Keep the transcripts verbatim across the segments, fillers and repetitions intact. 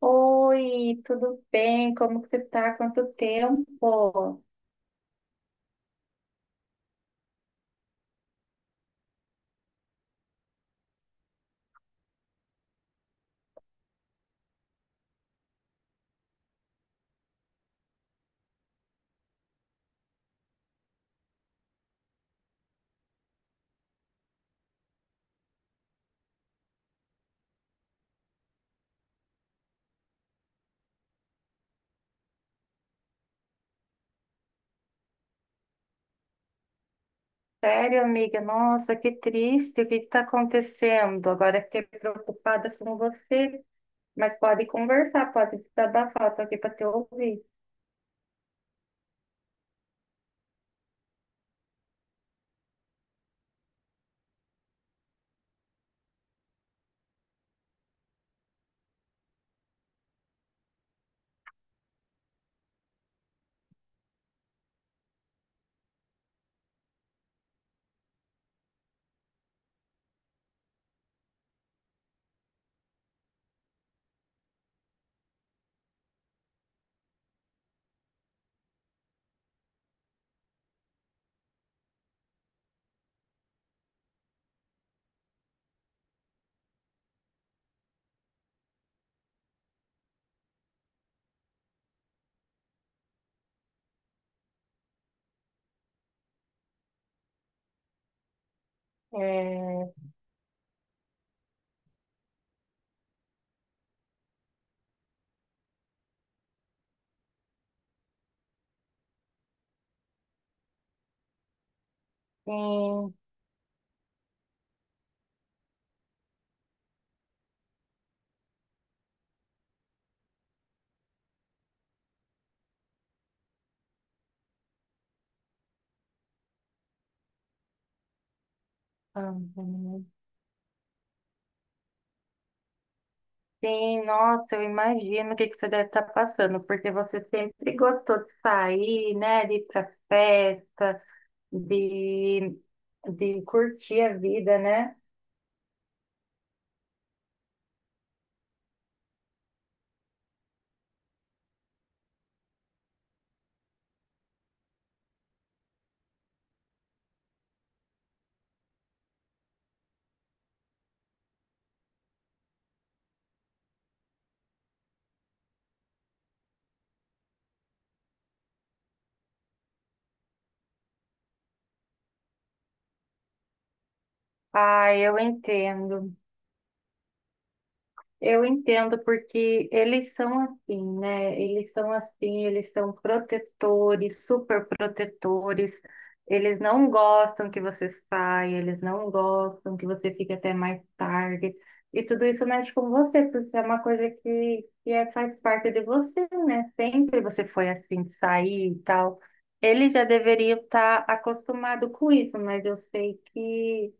Oi, tudo bem? Como que você tá? Quanto tempo? Sério, amiga? Nossa, que triste. O que está acontecendo? Agora fiquei preocupada com você, mas pode conversar, pode desabafar. Estou aqui para te ouvir. É, sim, uhum. Sim, nossa, eu imagino o que que você deve estar passando, porque você sempre gostou de sair, né? De ir para festa, de, de curtir a vida, né? Ah, eu entendo. Eu entendo porque eles são assim, né? Eles são assim, eles são protetores, super protetores. Eles não gostam que você saia, eles não gostam que você fique até mais tarde. E tudo isso mexe com você, porque é uma coisa que, que é, faz parte de você, né? Sempre você foi assim, de sair e tal. Ele já deveria estar acostumado com isso, mas eu sei que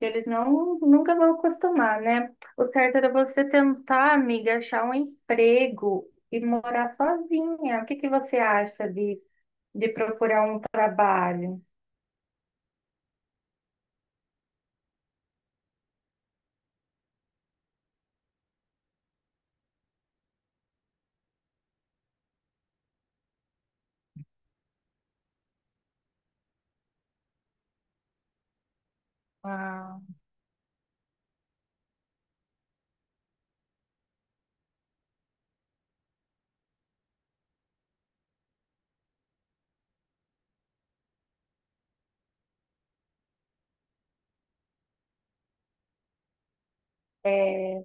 eles não, nunca vão acostumar, né? O certo era você tentar, amiga, achar um emprego e morar sozinha. O que que você acha de, de procurar um trabalho? Ah, é,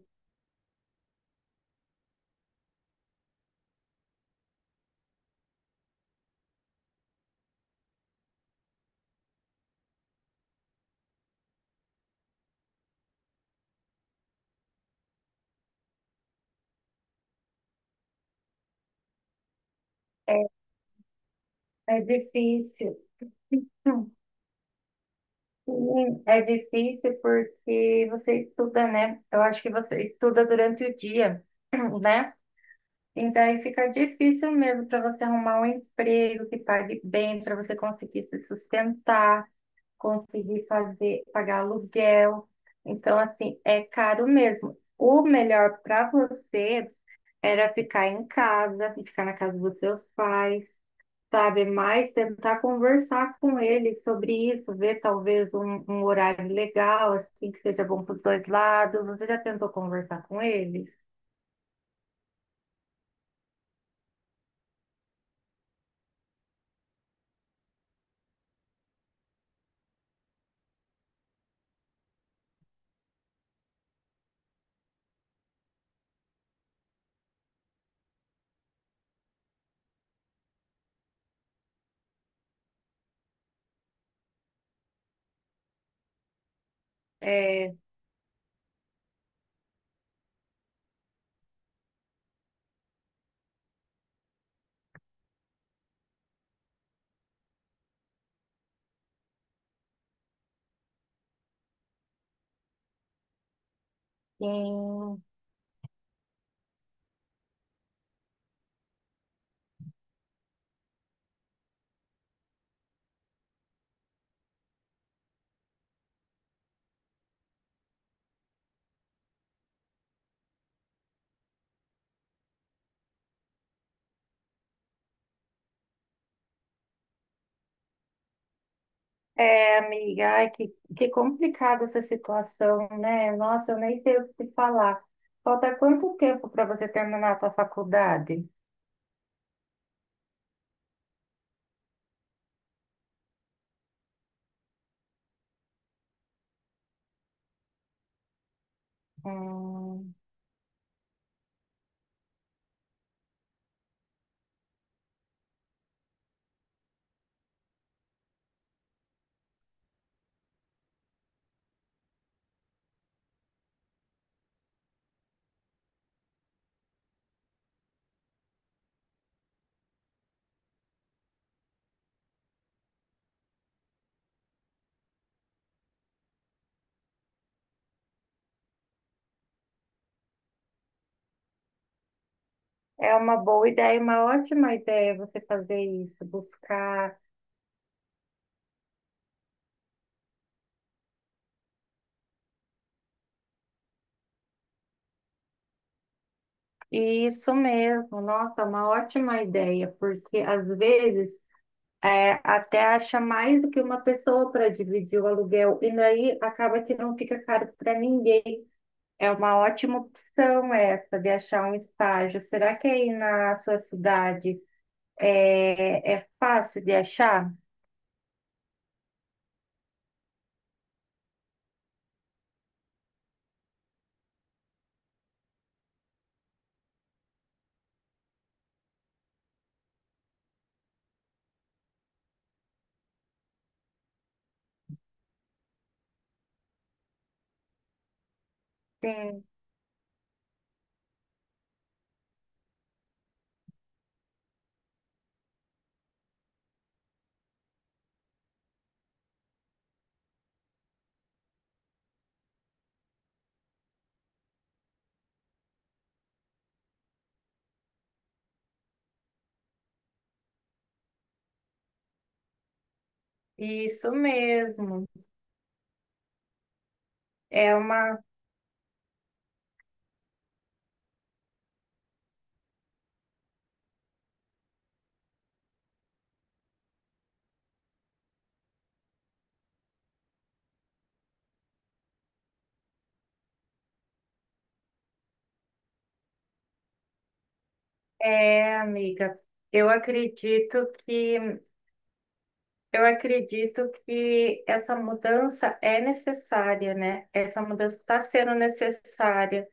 é difícil. Hum, Sim, é difícil porque você estuda, né? Eu acho que você estuda durante o dia, né? E daí fica difícil mesmo para você arrumar um emprego que pague bem, para você conseguir se sustentar, conseguir fazer, pagar aluguel. Então, assim, é caro mesmo. O melhor para você era ficar em casa, ficar na casa dos seus pais, sabe? Mas tentar conversar com eles sobre isso, ver talvez um, um horário legal, assim, que seja bom para os dois lados. Você já tentou conversar com eles? É, sim. É, amiga, ai, que, que complicada essa situação, né? Nossa, eu nem sei o que te falar. Falta quanto tempo para você terminar a sua faculdade? Hum, é uma boa ideia, uma ótima ideia você fazer isso, buscar. Isso mesmo, nossa, uma ótima ideia, porque às vezes é, até acha mais do que uma pessoa para dividir o aluguel, e daí acaba que não fica caro para ninguém. É uma ótima opção essa de achar um estágio. Será que aí na sua cidade é, é fácil de achar? Sim, isso mesmo. É uma, é, amiga, eu acredito que eu acredito que essa mudança é necessária, né? Essa mudança está sendo necessária.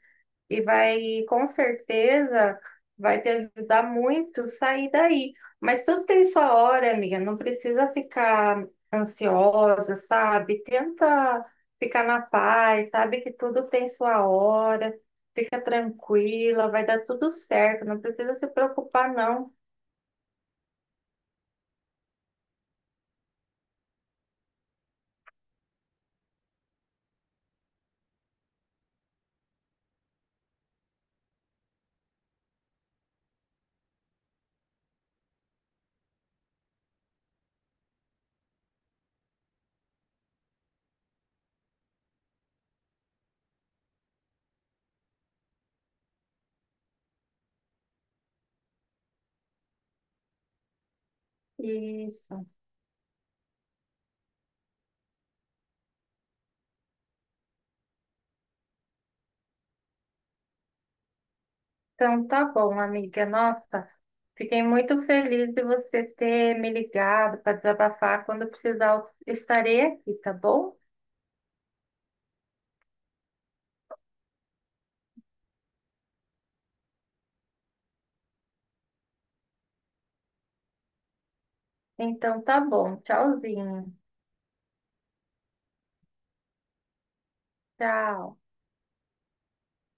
E vai, com certeza, vai te ajudar muito sair daí. Mas tudo tem sua hora, amiga, não precisa ficar ansiosa, sabe? Tenta ficar na paz, sabe que tudo tem sua hora, fica tranquila, vai dar tudo certo, não precisa se preocupar, não. Isso. Então tá bom, amiga. Nossa, fiquei muito feliz de você ter me ligado para desabafar. Quando precisar, eu estarei aqui, tá bom? Então tá bom. Tchauzinho. Tchau.